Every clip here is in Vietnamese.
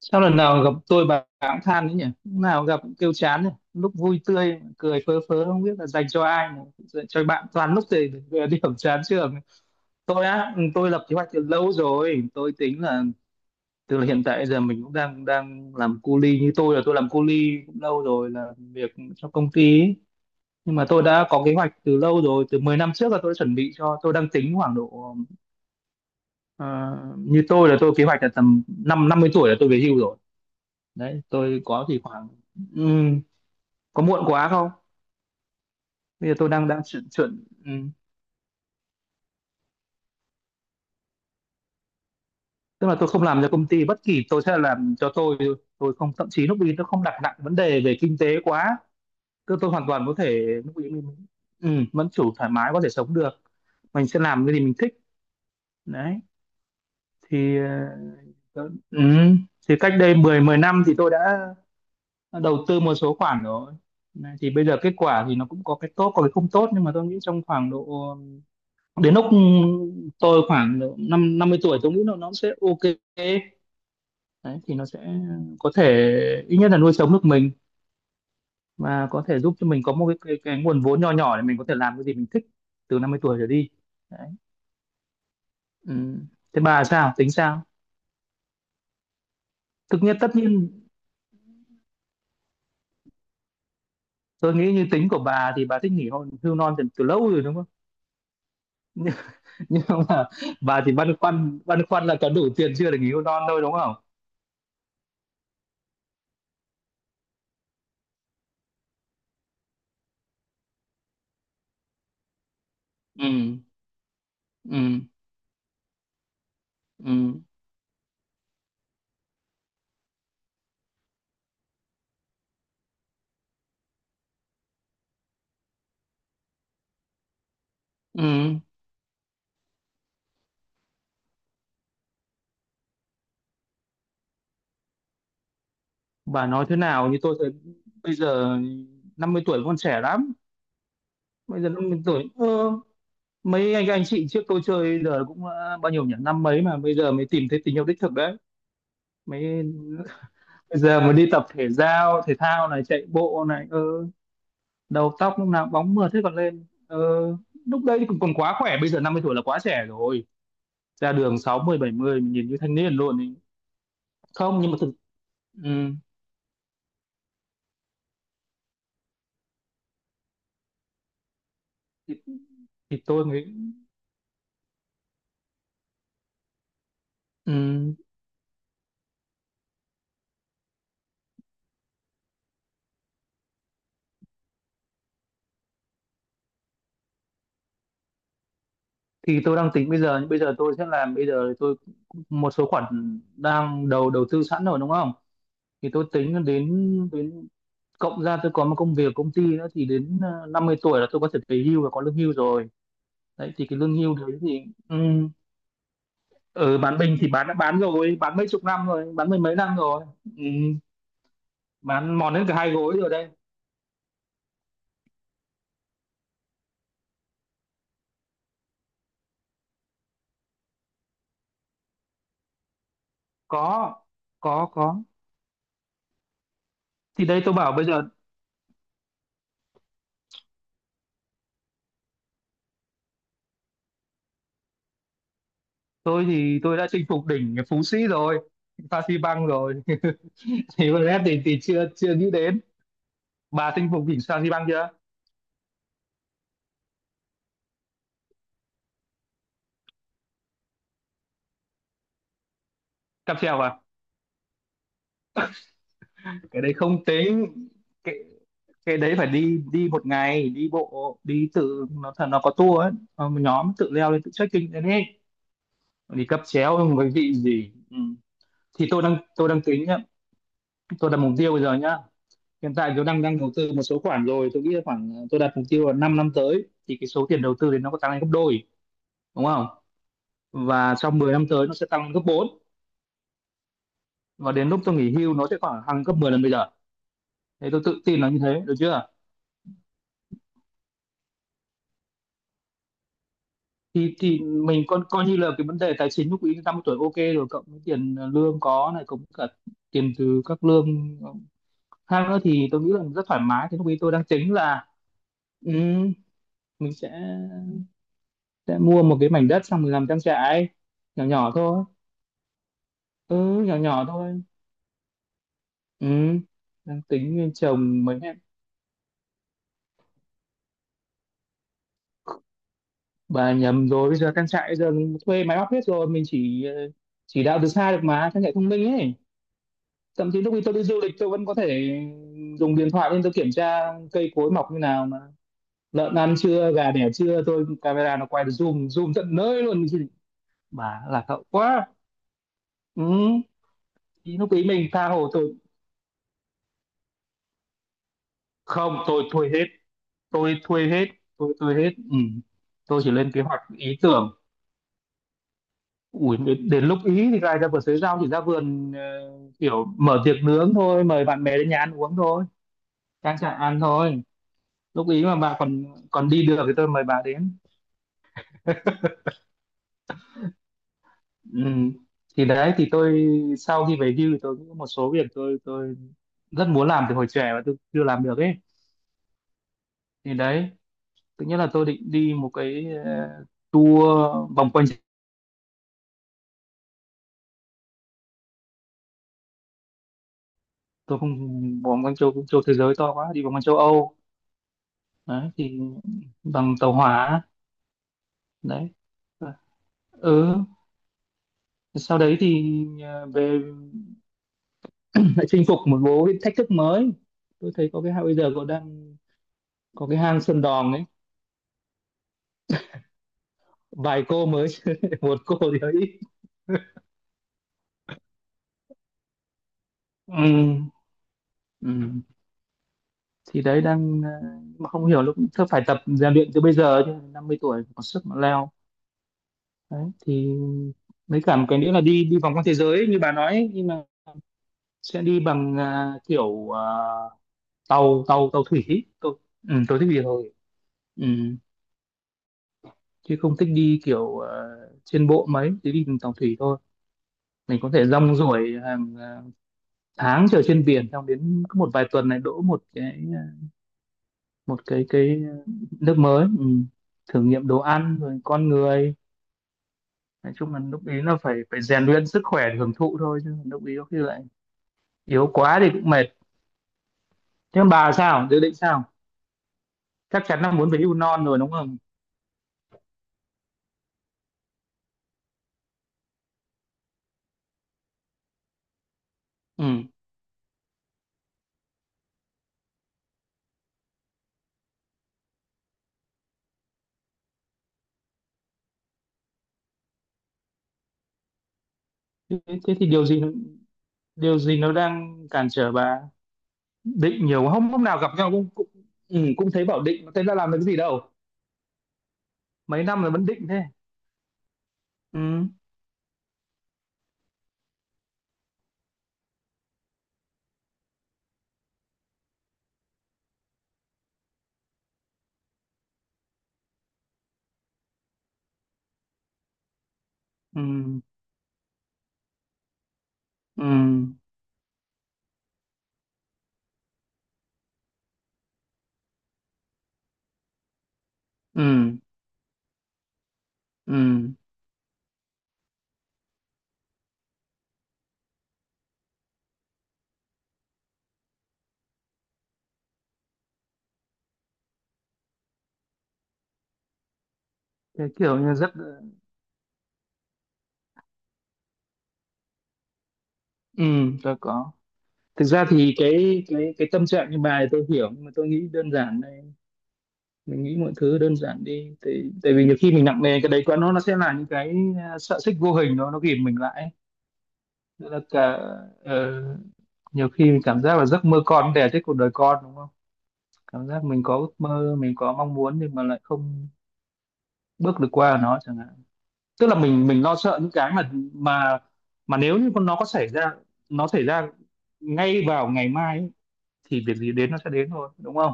Sao lần nào gặp tôi bà cũng than đấy nhỉ? Lúc nào gặp cũng kêu chán nhỉ? Lúc vui tươi, cười phớ phớ không biết là dành cho ai mà dành cho bạn toàn lúc thì về điểm chán trường. Tôi á, ừ, tôi lập kế hoạch từ lâu rồi. Tôi tính là từ là hiện tại giờ mình cũng đang đang làm cu li, như tôi là tôi làm cu li cũng lâu rồi, là việc cho công ty ấy. Nhưng mà tôi đã có kế hoạch từ lâu rồi, từ 10 năm trước là tôi đã chuẩn bị cho, tôi đang tính khoảng độ ờ, như tôi là tôi kế hoạch là tầm năm 50 tuổi là tôi về hưu rồi. Đấy tôi có thì khoảng ừm, có muộn quá không? Bây giờ tôi đang đang chuyển chuyển tức là tôi không làm cho công ty bất kỳ, tôi sẽ làm cho tôi thôi. Tôi không, thậm chí lúc ý tôi không đặt nặng vấn đề về kinh tế quá, tôi hoàn toàn có thể lúc ý mình vẫn chủ thoải mái có thể sống được, mình sẽ làm cái gì mình thích. Đấy thì tớ- ừm, thì cách đây 10 10 năm thì tôi đã đầu tư một số khoản rồi. Này, thì bây giờ kết quả thì nó cũng có cái tốt có cái không tốt, nhưng mà tôi nghĩ trong khoảng độ đến lúc tôi khoảng năm năm mươi tuổi tôi nghĩ là nó sẽ ok. Đấy thì nó sẽ có thể ít nhất là nuôi sống được mình và có thể giúp cho mình có một cái nguồn vốn nho nhỏ để mình có thể làm cái gì mình thích từ 50 tuổi trở đi. Đấy. Ừ. Thế bà sao tính sao? Thực nhất tất nhiên tôi nghĩ như tính của bà thì bà thích nghỉ hôn hưu non từ, từ lâu rồi đúng không? nhưng, nhưng mà bà thì băn khoăn là có đủ tiền chưa để nghỉ hưu non thôi đúng không? Ừ. Ừ. Ừ. Ừ. Bà nói thế nào, như tôi thấy bây giờ 50 tuổi vẫn còn trẻ lắm. Bây giờ năm mươi tuổi, mấy anh chị trước tôi chơi giờ cũng đã bao nhiêu nhỉ, năm mấy mà bây giờ mới tìm thấy tình yêu đích thực đấy. Mấy bây giờ mới đi tập thể giao thể thao này, chạy bộ này, ơ, đầu tóc lúc nào bóng mượt thế, còn lên. Ờ, Lúc đấy thì còn còn quá khỏe, bây giờ 50 tuổi là quá trẻ rồi. Ra đường sáu mươi bảy mươi mình nhìn như thanh niên luôn ý. Không nhưng mà thực ừ, thì, thì tôi nghĩ ừ, thì tôi đang tính bây giờ, nhưng bây giờ tôi sẽ làm, bây giờ tôi một số khoản đang đầu đầu tư sẵn rồi đúng không? Thì tôi tính đến đến cộng ra tôi có một công việc công ty nữa thì đến 50 tuổi là tôi có thể về hưu và có lương hưu rồi. Đấy thì cái lương hưu đấy thì ừ, ở bán mình thì bán đã bán rồi, bán mấy chục năm rồi, bán mười mấy năm rồi. Ừ, bán mòn đến cả hai gối rồi đây. Có. Có. Thì đây tôi bảo bây giờ tôi thì tôi đã chinh phục đỉnh Phú Sĩ rồi, Phan Xi Păng rồi. Thì Brad thì chưa chưa nghĩ đến. Bà chinh phục đỉnh sao băng chưa? Cáp treo à? Cái đấy không tính. cái cái đấy phải đi đi một ngày, đi bộ đi tự nó thật, nó có tour ấy. Ờ, một nhóm tự leo lên, tự trekking lên ấy. Đi cáp treo với vị gì ừ. Thì tôi đang tính nhá, tôi đặt mục tiêu bây giờ nhá. Hiện tại tôi đang đang đầu tư một số khoản rồi, tôi nghĩ là khoảng tôi đặt mục tiêu là 5 năm tới thì cái số tiền đầu tư thì nó có tăng lên gấp đôi đúng không? Và trong 10 năm tới nó sẽ tăng lên gấp bốn, và đến lúc tôi nghỉ hưu nó sẽ khoảng hàng gấp 10 lần bây giờ. Thế tôi tự tin là như thế được chưa? Thì thì mình coi coi như là cái vấn đề tài chính lúc ý năm mươi tuổi ok rồi, cộng với tiền lương có này cũng cả tiền từ các lương ờ, khác nữa thì tôi nghĩ là rất thoải mái. Thì lúc ý tôi đang tính là ừ, mình sẽ mua một cái mảnh đất xong mình làm trang trại nhỏ nhỏ thôi. Ừ, nhỏ nhỏ thôi. Ừ, đang tính trồng mấy. Bà nhầm rồi, bây giờ trang trại bây giờ thuê máy móc hết rồi, mình chỉ chỉ đạo từ xa được mà, trang trại thông minh ấy. Thậm chí lúc đi tôi đi du lịch tôi vẫn có thể dùng điện thoại lên tôi kiểm tra cây cối mọc như nào mà, lợn ăn chưa gà đẻ chưa, tôi camera nó quay được zoom zoom tận nơi luôn. Chứ bà lạc hậu quá. Ừ. Thì lúc ấy mình tha hồ tôi. Không tôi thuê hết tôi thuê hết. Ừ. Tôi chỉ lên kế hoạch ý tưởng. Ủi, đến, đến lúc ý thì lại ra vườn sới rau, chỉ ra vườn kiểu mở tiệc nướng thôi, mời bạn bè đến nhà ăn uống thôi, trang trại ăn thôi. Lúc ý mà bà còn còn đi được thì tôi mời bà đến. Ừ. Thì đấy thì tôi sau khi về hưu thì tôi cũng có một số việc tôi rất muốn làm từ hồi trẻ mà tôi chưa làm được ấy. Thì đấy tự nhiên là tôi định đi một cái tour vòng quanh. Tôi không, vòng quanh châu châu thế giới to quá, đi vòng quanh châu Âu. Đấy thì bằng tàu hỏa. Đấy. Ờ. Ừ. Sau đấy thì về lại chinh phục một bố cái thách thức mới. Tôi thấy có cái hang bây giờ có đang có cái hang Sơn Đòn ấy. Vài cô mới chứ, một cô thì hơi ít. Ừ. Ừ. Thì đấy đang mà không hiểu lúc tôi phải tập rèn luyện từ bây giờ chứ, 50 tuổi có sức mà leo. Đấy thì mấy cả một cái nữa là đi đi vòng quanh thế giới ấy, như bà nói ấy, nhưng mà sẽ đi bằng kiểu tàu tàu tàu thủy tôi. Ừ, tôi thích gì thôi. Ừ. Chứ không thích đi kiểu trên bộ, mấy chỉ đi bằng tàu thủy thôi. Mình có thể rong ruổi hàng tháng chờ trên biển, xong đến cứ một vài tuần này đỗ một cái một cái nước mới. Ừ. Thử nghiệm đồ ăn rồi con người. Nói chung là lúc ý là phải phải rèn luyện sức khỏe để hưởng thụ thôi, chứ lúc ý có khi lại yếu quá thì cũng mệt. Thế còn bà sao, dự định sao? Chắc chắn là muốn về hưu non rồi đúng không? Ừ. Thế, thế thì điều gì, điều gì nó đang cản trở bà? Định nhiều, hôm hôm nào gặp nhau cũng cũng ừ, cũng thấy bảo định thế ra làm được cái gì đâu, mấy năm rồi vẫn định thế. Ừ. Ừ. Ừ. Ừ. Ừ. Cái kiểu như rất ừ, tôi có. Thực ra thì cái tâm trạng như bài tôi hiểu, nhưng mà tôi nghĩ đơn giản đây, mình nghĩ mọi thứ đơn giản đi, tại tại vì nhiều khi mình nặng nề cái đấy quá nó sẽ là những cái sợi xích vô hình, nó ghìm mình lại ấy. Tức là cả ờ, nhiều khi mình cảm giác là giấc mơ con đẻ chết cuộc đời con đúng không? Cảm giác mình có ước mơ, mình có mong muốn nhưng mà lại không bước được qua nó chẳng hạn. Tức là mình lo sợ những cái mà nếu như nó có xảy ra, nó xảy ra ngay vào ngày mai ấy, thì việc gì đến nó sẽ đến thôi đúng không?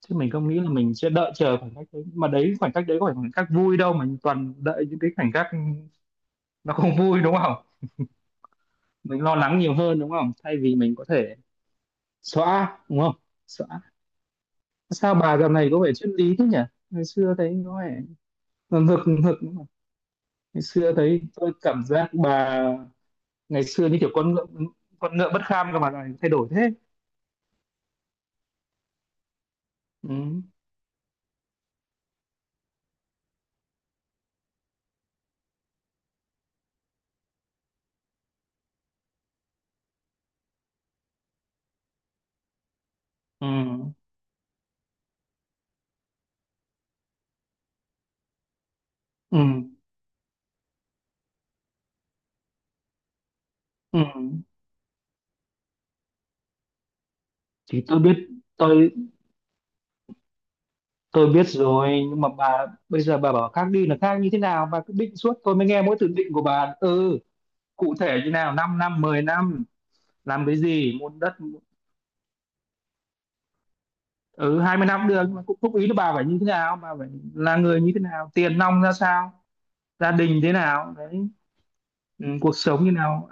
Chứ mình không nghĩ là mình sẽ đợi chờ khoảnh khắc đấy, mà đấy khoảnh khắc đấy có phải khoảnh khắc vui đâu, mà toàn đợi những cái khoảnh khắc nó không vui đúng không? Mình lo lắng nhiều hơn đúng không, thay vì mình có thể xóa đúng không, xóa. Sao bà dạo này có vẻ triết lý thế nhỉ? Ngày xưa thấy có vẻ ngược ngược. Ngày xưa thấy tôi cảm giác bà, ngày xưa như kiểu con ngựa, con ngựa bất kham, cơ mà lại thay đổi thế. Ừ. Ừ. Ừ. Ừ. Thì tôi biết, tôi tôi biết rồi, nhưng mà bà bây giờ bà bảo khác đi là khác như thế nào? Bà cứ định suốt, tôi mới nghe mỗi từ định của bà. Ừ, cụ thể như nào, 5 năm 10 năm, làm cái gì, mua đất. Ừ, 20 năm cũng được, nhưng mà cũng thúc ý là bà phải như thế nào, bà phải là người như thế nào, tiền nong ra sao, gia đình thế nào đấy, ừ, cuộc sống như nào,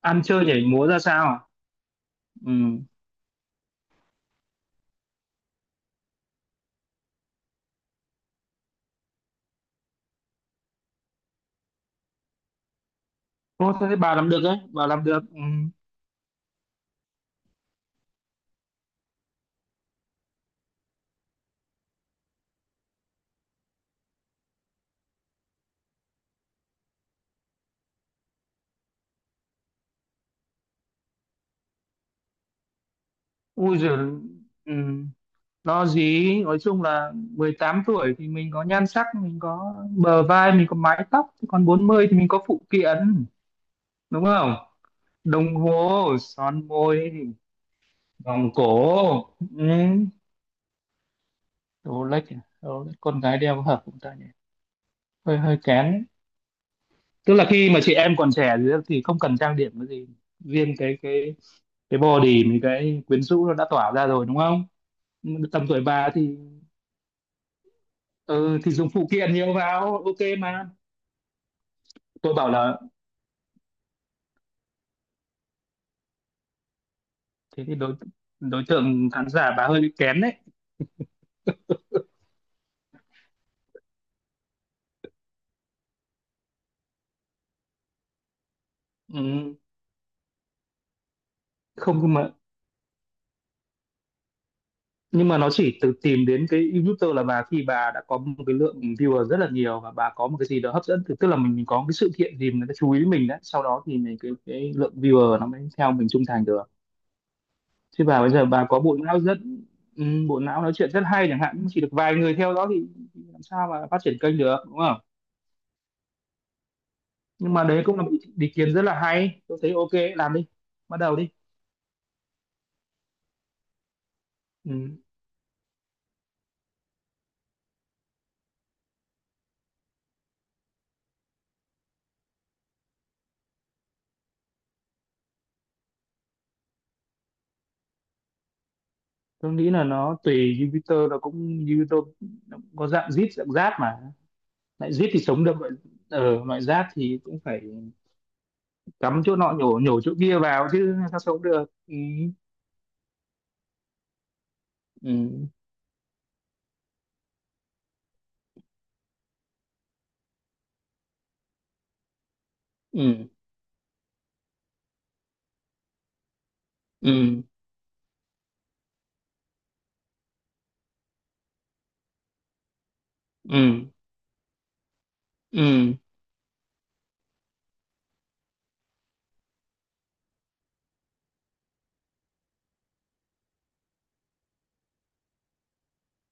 ăn chơi nhảy múa ra sao. Ừ. Ô, thế thì bà làm được đấy, bà làm được. Ừ. Ui giời. Ừ. Lo gì, nói chung là 18 tuổi thì mình có nhan sắc, mình có bờ vai, mình có mái tóc. Thế còn 40 thì mình có phụ kiện đúng không, đồng hồ, son môi, vòng cổ. Ừ. Đồ lách, đồ lách con gái đeo có hợp cũng ta nhỉ, hơi hơi kén. Tức là khi mà chị em còn trẻ thì không cần trang điểm cái gì, riêng cái cái body mình cái quyến rũ nó đã tỏa ra rồi đúng không? Tầm tuổi bà thì ừ, thì dùng phụ kiện nhiều vào ok mà. Tôi bảo là thế thì đối đối tượng khán giả bà hơi bị kén đấy. Ừ, không nhưng mà, nhưng mà nó chỉ từ tìm đến cái YouTuber là bà khi bà đã có một cái lượng viewer rất là nhiều, và bà có một cái gì đó hấp dẫn, tức tức là mình có cái sự kiện gì người ta chú ý mình đấy, sau đó thì mình cái lượng viewer nó mới theo mình trung thành được. Chứ bà bây giờ bà có bộ não rất ừ, bộ não nói chuyện rất hay chẳng hạn, nhưng chỉ được vài người theo đó thì làm sao mà phát triển kênh được đúng không? Nhưng mà đấy cũng là một ý, ý kiến rất là hay, tôi thấy ok làm đi, bắt đầu đi. Ừ. Tôi nghĩ là nó tùy, nó cũng Jupiter nó cũng có dạng zit dạng giáp mà, lại zit thì sống được, loại ở loại giáp thì cũng phải cắm chỗ nọ nhổ nhổ chỗ kia vào chứ sao sống được. Ừ. Ừ. Ừ. Ừ. Ừ. Ừ.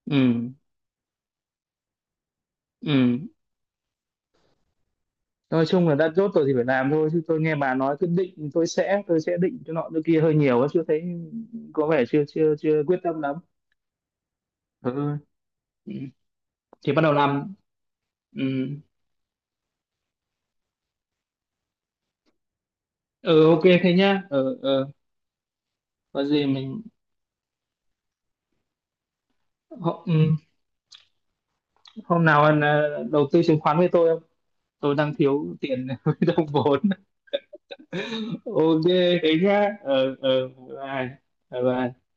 Ừ. Ừ. Nói chung là đã chốt rồi thì phải làm thôi, chứ tôi nghe bà nói cứ định tôi sẽ định chỗ nọ chỗ kia hơi nhiều ấy, chưa thấy có vẻ chưa chưa chưa quyết tâm lắm. Ừ. Ừ. Thì bắt đầu làm. Ừ, ừ, ok thế nhá. Ừ, ừ. Có gì mình hôm, ừ, hôm nào anh đầu tư chứng khoán với tôi không? Tôi đang thiếu tiền với đồng vốn. Ok thế nhá. Ừ, ừ. Bye bye. Bye bye.